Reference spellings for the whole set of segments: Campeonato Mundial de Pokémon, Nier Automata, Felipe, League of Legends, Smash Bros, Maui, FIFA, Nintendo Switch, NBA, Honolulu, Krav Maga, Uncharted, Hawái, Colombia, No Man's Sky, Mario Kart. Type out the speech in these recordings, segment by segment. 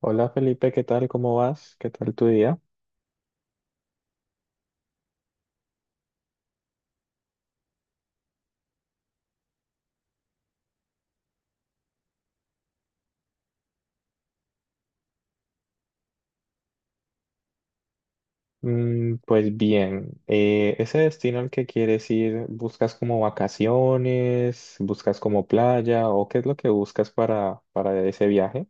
Hola Felipe, ¿qué tal? ¿Cómo vas? ¿Qué tal tu día? Mm, pues bien, ese destino al que quieres ir, ¿buscas como vacaciones? ¿Buscas como playa? ¿O qué es lo que buscas para ese viaje?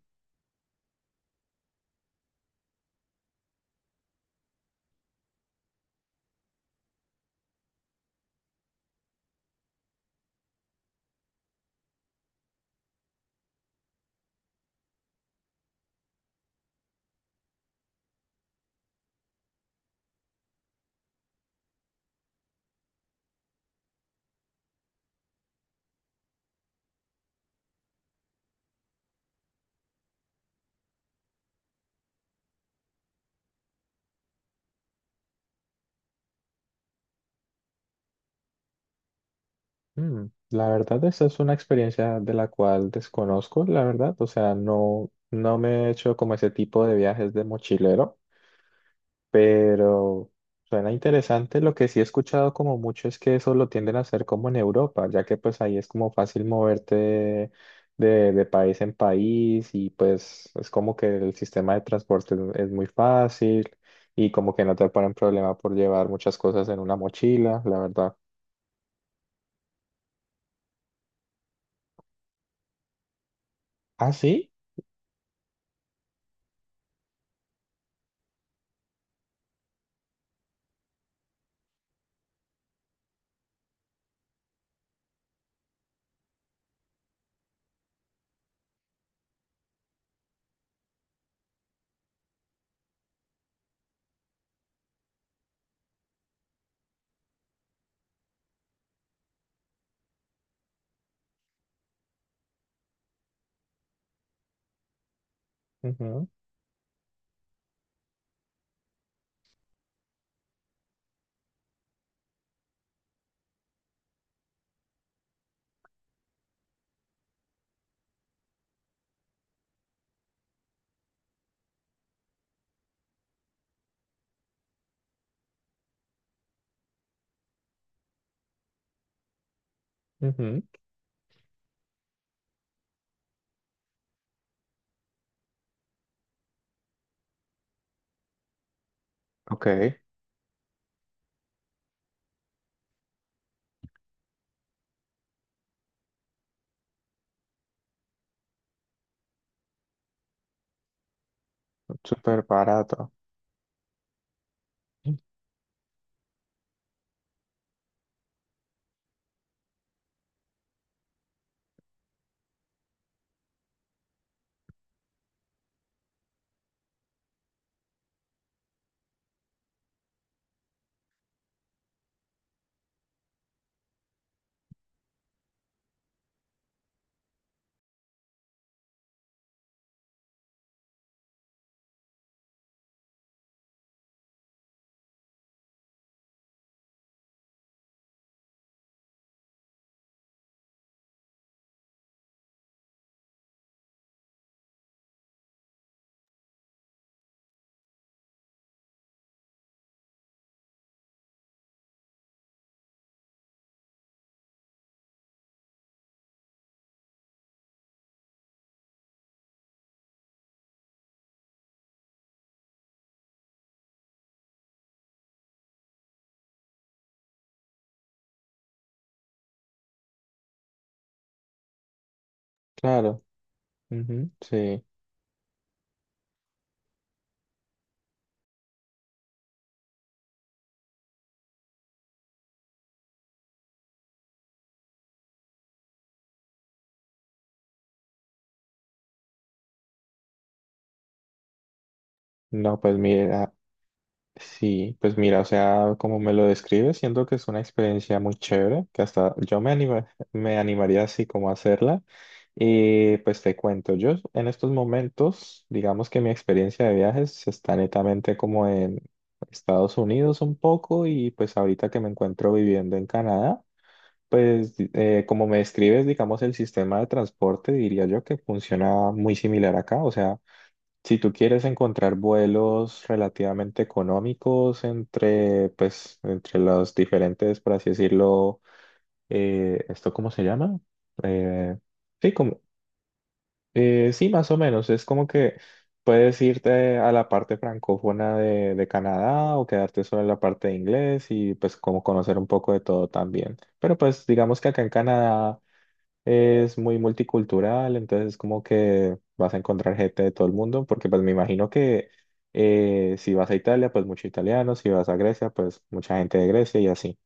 Mm, la verdad, esa es una experiencia de la cual desconozco, la verdad. O sea, no, no me he hecho como ese tipo de viajes de mochilero. Pero suena interesante. Lo que sí he escuchado como mucho es que eso lo tienden a hacer como en Europa, ya que pues ahí es como fácil moverte de país en país y pues es como que el sistema de transporte es muy fácil y como que no te ponen problema por llevar muchas cosas en una mochila, la verdad. Ah, sí. Ujú, ujú. Ok, súper barato. Claro. Ujú, sí. No, pues mira. Sí, pues mira, o sea, como me lo describes, siento que es una experiencia muy chévere, que hasta me animaría así como a hacerla. Y pues te cuento, yo en estos momentos, digamos que mi experiencia de viajes está netamente como en Estados Unidos un poco y pues ahorita que me encuentro viviendo en Canadá, pues como me describes, digamos, el sistema de transporte, diría yo que funciona muy similar acá, o sea... Si tú quieres encontrar vuelos relativamente económicos entre, pues, entre los diferentes, por así decirlo, ¿esto cómo se llama? Eh, sí, como, sí, más o menos. Es como que puedes irte a la parte francófona de Canadá o quedarte solo en la parte de inglés y pues como conocer un poco de todo también. Pero pues digamos que acá en Canadá... Es muy multicultural, entonces como que vas a encontrar gente de todo el mundo, porque pues me imagino que si vas a Italia, pues mucho italiano, si vas a Grecia, pues mucha gente de Grecia y así.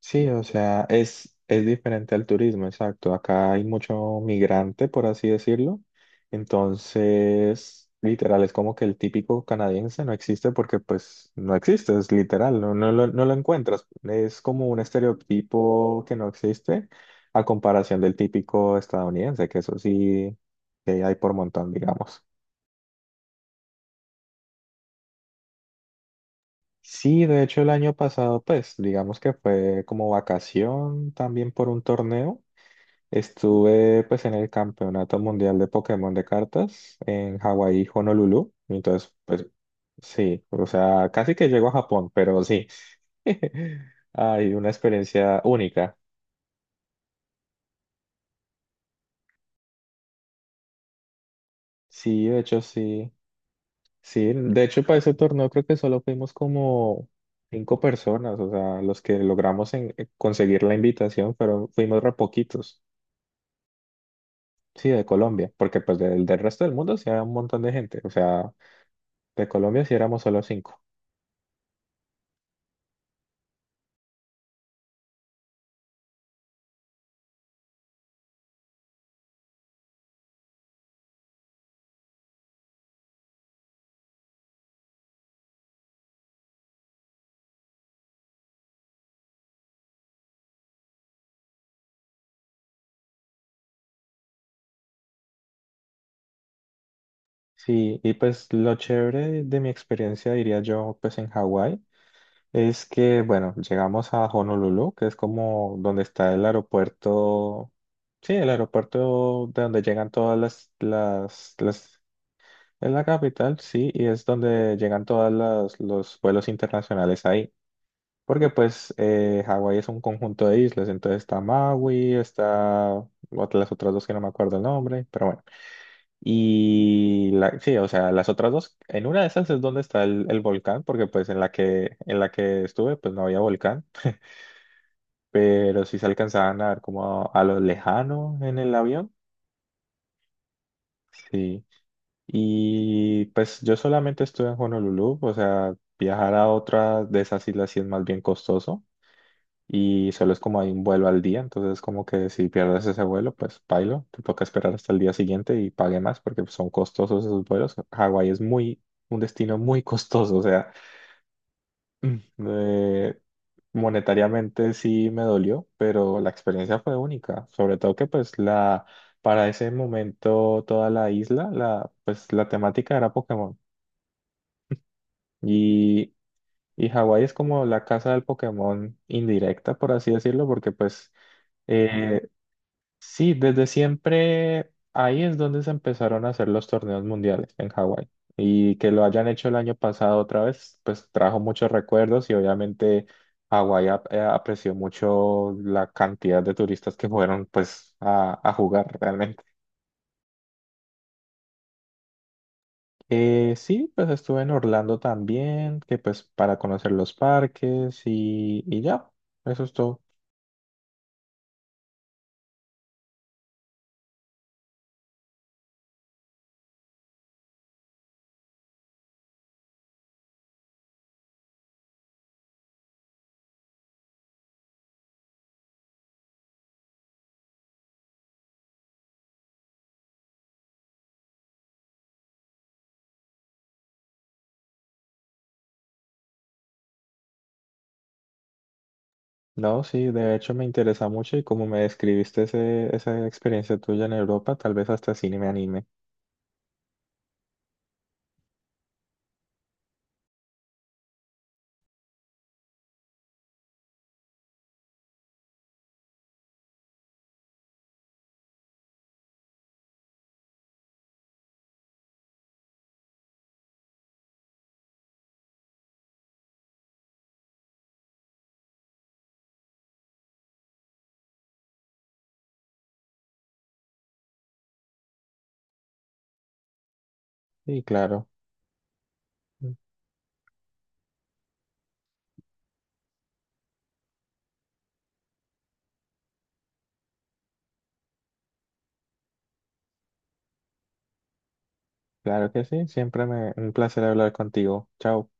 Sí, o sea, es diferente al turismo, exacto. Acá hay mucho migrante, por así decirlo. Entonces, literal, es como que el típico canadiense no existe porque pues no existe, es literal, no, no lo encuentras. Es como un estereotipo que no existe a comparación del típico estadounidense, que eso sí que hay por montón, digamos. Sí, de hecho el año pasado, pues digamos que fue como vacación también por un torneo. Estuve pues en el Campeonato Mundial de Pokémon de cartas en Hawái, Honolulu. Y entonces, pues sí, o sea, casi que llego a Japón, pero sí. Hay una experiencia única. Sí, de hecho, sí. Sí, de hecho, para ese torneo creo que solo fuimos como 5 personas, o sea, los que logramos conseguir la invitación, pero fuimos re poquitos. Sí, de Colombia, porque pues del resto del mundo sí había un montón de gente, o sea, de Colombia sí éramos solo 5. Sí, y pues lo chévere de mi experiencia, diría yo, pues en Hawái, es que, bueno, llegamos a Honolulu, que es como donde está el aeropuerto, sí, el aeropuerto de donde llegan todas las, es la capital, sí, y es donde llegan todas las, los vuelos internacionales ahí. Porque pues Hawái es un conjunto de islas, entonces está Maui, está las otras dos que no me acuerdo el nombre, pero bueno. Y la, sí, o sea, las otras dos, en una de esas es donde está el volcán, porque pues en la que estuve, pues no había volcán, pero sí se alcanzaban a ver como a lo lejano en el avión. Sí. Y pues yo solamente estuve en Honolulu, o sea, viajar a otra de esas islas sí es más bien costoso. Y solo es como hay un vuelo al día, entonces como que si pierdes ese vuelo, pues pailo, te toca esperar hasta el día siguiente y pague más porque pues, son costosos esos vuelos. Hawái es muy, un destino muy costoso, o sea, mm, eh, monetariamente sí me dolió, pero la experiencia fue única, sobre todo que pues la, para ese momento toda la isla, la, pues la temática era Pokémon y... Y Hawái es como la casa del Pokémon indirecta, por así decirlo, porque pues... eh, sí, desde siempre ahí es donde se empezaron a hacer los torneos mundiales en Hawái. Y que lo hayan hecho el año pasado otra vez, pues trajo muchos recuerdos y obviamente Hawái apreció mucho la cantidad de turistas que fueron pues a jugar realmente. Sí, pues estuve en Orlando también, que pues para conocer los parques y ya, eso es todo. No, sí, de hecho me interesa mucho y como me describiste esa experiencia tuya en Europa, tal vez hasta cine me anime. Y claro, claro que sí, siempre me, un placer hablar contigo. Chao.